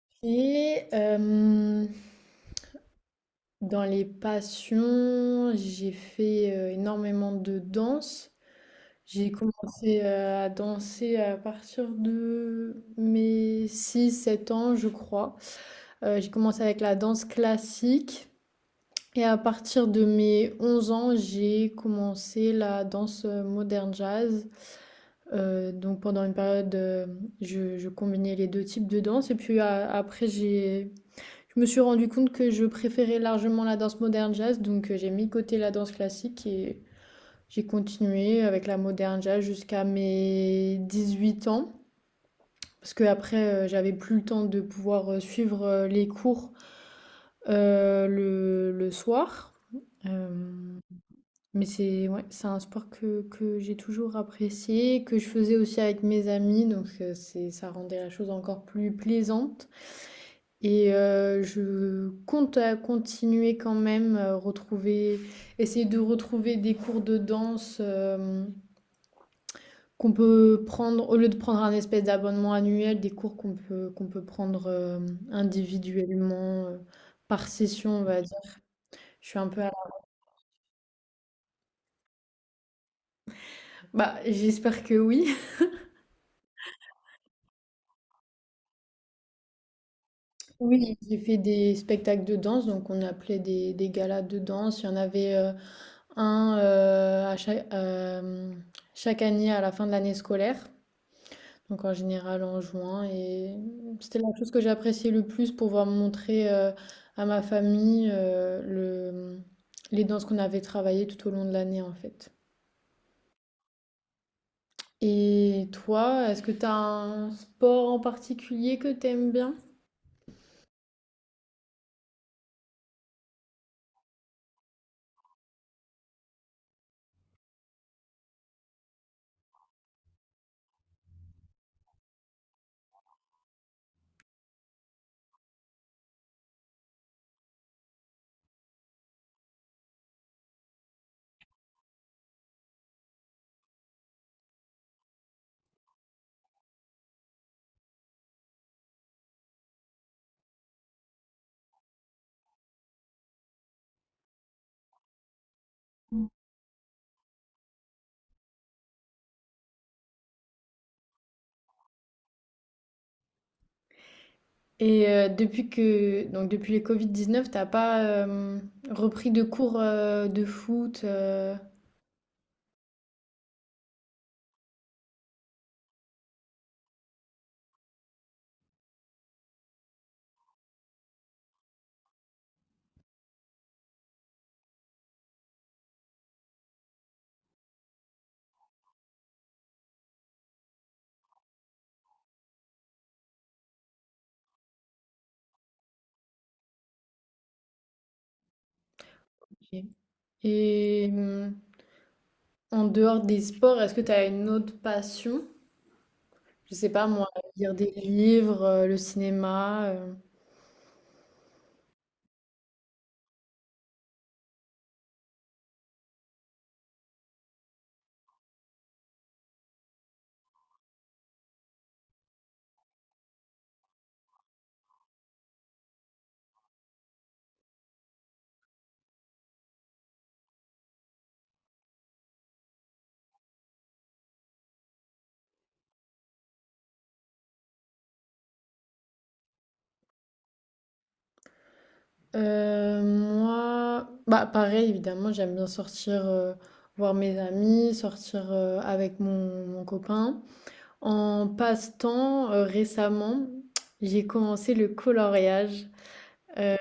OK, hem, dans les passions, j'ai fait, énormément de danse. J'ai commencé, à danser à partir de mes six sept ans, je crois. J'ai commencé avec la danse classique et à partir de mes 11 ans, j'ai commencé la danse, moderne jazz. Donc pendant une période, je combinais les 2 types de danse et puis a après j'ai je me suis rendu compte que je préférais largement la danse moderne jazz, donc j'ai mis de côté la danse classique et j'ai continué avec la moderne jazz jusqu'à mes 18 ans. Parce que après, j'avais plus le temps de pouvoir suivre les cours le soir. Euh, mais c'est ouais, c'est un sport que j'ai toujours apprécié, que je faisais aussi avec mes amis, donc c'est, ça rendait la chose encore plus plaisante. Et je compte, à continuer quand même, retrouver essayer de retrouver des cours de danse, qu'on peut prendre au lieu de prendre un espèce d'abonnement annuel, des cours qu'on peut prendre, individuellement, par session, on va dire. Je suis un peu à la bah, j'espère que oui. Oui, j'ai fait des spectacles de danse, donc on appelait des galas de danse. Il y en avait, un, à chaque chaque année à la fin de l'année scolaire. Donc en général en juin. Et c'était la chose que j'appréciais le plus pour pouvoir montrer à ma famille les danses qu'on avait travaillées tout au long de l'année en fait. Et toi, est-ce que tu as un sport en particulier que t'aimes bien? Et depuis que donc depuis les Covid-19 t'as pas repris de cours de foot ok. Et en dehors des sports, est-ce que tu as une autre passion? Je sais pas, moi, lire des livres, le cinéma. Moi, bah pareil, évidemment, j'aime bien sortir, voir mes amis, sortir avec mon copain. En passe-temps, récemment, j'ai commencé le coloriage. Euh,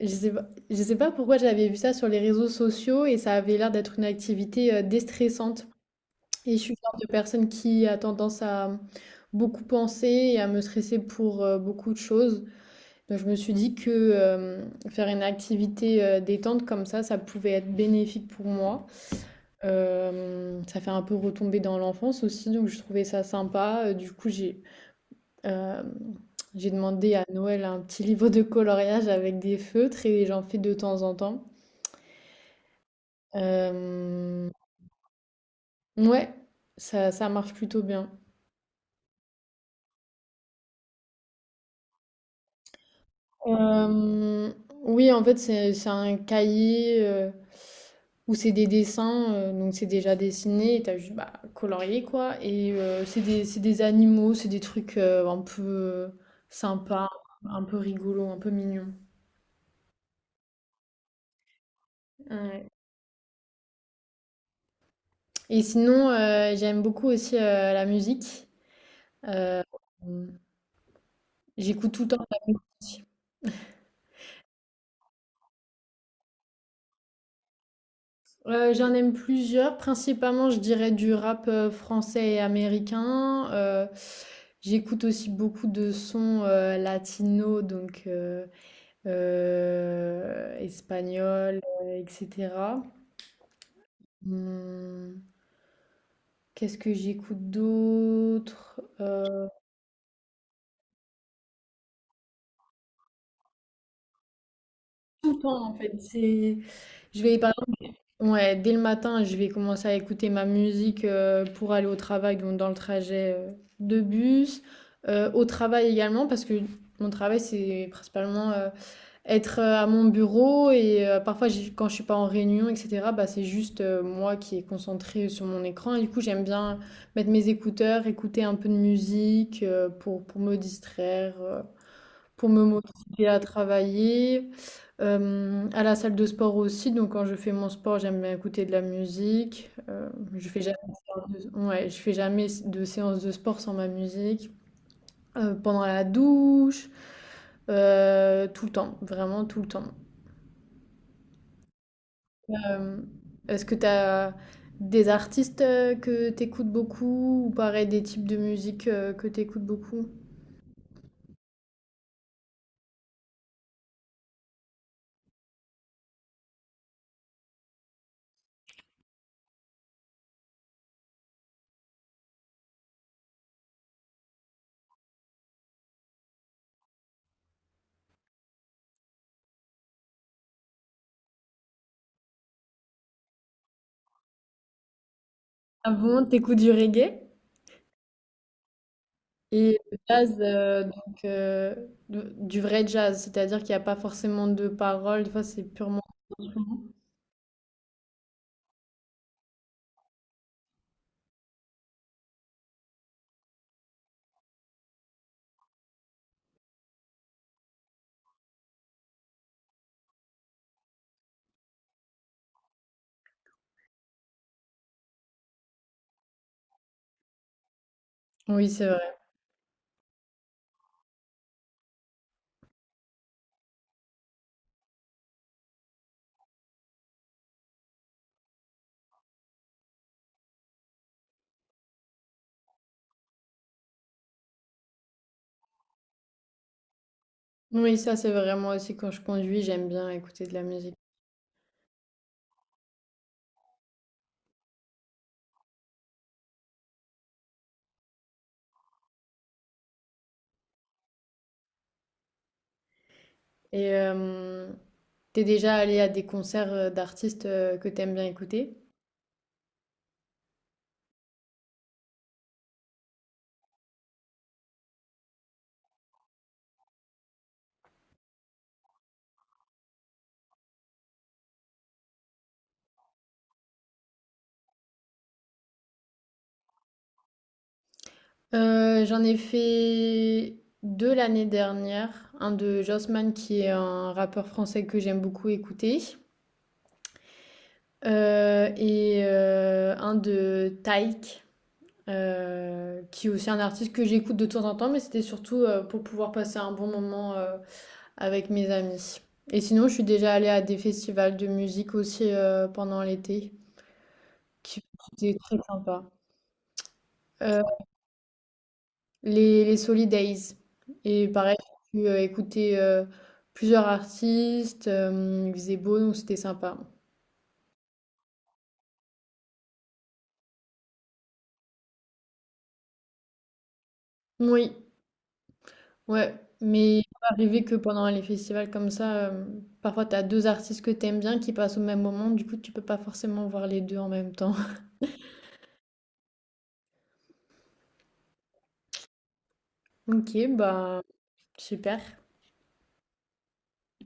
je sais pas, je sais pas pourquoi j'avais vu ça sur les réseaux sociaux et ça avait l'air d'être une activité déstressante. Et je suis le genre de personne qui a tendance à beaucoup penser et à me stresser pour beaucoup de choses. Donc je me suis dit que faire une activité détente comme ça pouvait être bénéfique pour moi. Ça fait un peu retomber dans l'enfance aussi, donc je trouvais ça sympa. Du coup, euh, j'ai demandé à Noël un petit livre de coloriage avec des feutres et j'en fais de temps en temps. Euh, ouais, ça marche plutôt bien. Euh, oui, en fait, c'est un cahier où c'est des dessins, donc c'est déjà dessiné, et t'as juste bah, colorié quoi. Et c'est c'est des animaux, c'est des trucs un peu sympas, un peu rigolos, un peu mignons. Ouais. Et sinon, j'aime beaucoup aussi la musique. Euh, J'écoute tout le temps de la musique. J'en aime plusieurs, principalement je dirais du rap, français et américain, j'écoute aussi beaucoup de sons, latinos donc espagnols, et cetera. Mmh, qu'est-ce que j'écoute d'autre? Tout le temps en fait, c'est je vais ouais, dès le matin, je vais commencer à écouter ma musique pour aller au travail, donc dans le trajet de bus, au travail également, parce que mon travail, c'est principalement être à mon bureau et parfois, quand je suis pas en réunion, etc., bah, c'est juste moi qui est concentrée sur mon écran. Et du coup, j'aime bien mettre mes écouteurs, écouter un peu de musique pour me distraire. Pour me motiver à travailler. À la salle de sport aussi, donc quand je fais mon sport, j'aime bien écouter de la musique. Je fais jamais de séance de, ouais, je fais jamais de séance de sport sans ma musique. Pendant la douche, tout le temps, vraiment tout le temps. Euh, Est-ce que tu as des artistes que t'écoutes beaucoup ou pareil des types de musique que t'écoutes beaucoup? Ah bon, t'écoutes du reggae? Et le jazz, donc, du vrai jazz, c'est-à-dire qu'il n'y a pas forcément de paroles, des fois c'est purement... Oui, c'est vrai. Oui, ça c'est vraiment aussi quand je conduis, j'aime bien écouter de la musique. Et t'es déjà allé à des concerts d'artistes que t'aimes bien écouter? J'en ai fait deux l'année dernière, un de Josman qui est un rappeur français que j'aime beaucoup écouter, et un de Taïk. Qui est aussi un artiste que j'écoute de temps en temps, mais c'était surtout pour pouvoir passer un bon moment avec mes amis. Et sinon, je suis déjà allée à des festivals de musique aussi pendant l'été, qui étaient très sympas. Euh, les Solidays. Et pareil, j'ai pu écouter plusieurs artistes, il faisait beau, donc c'était sympa. Oui. Ouais, mais il peut arriver que pendant les festivals comme ça, parfois tu as deux artistes que t'aimes bien qui passent au même moment, du coup tu peux pas forcément voir les deux en même temps. Ok, bah super.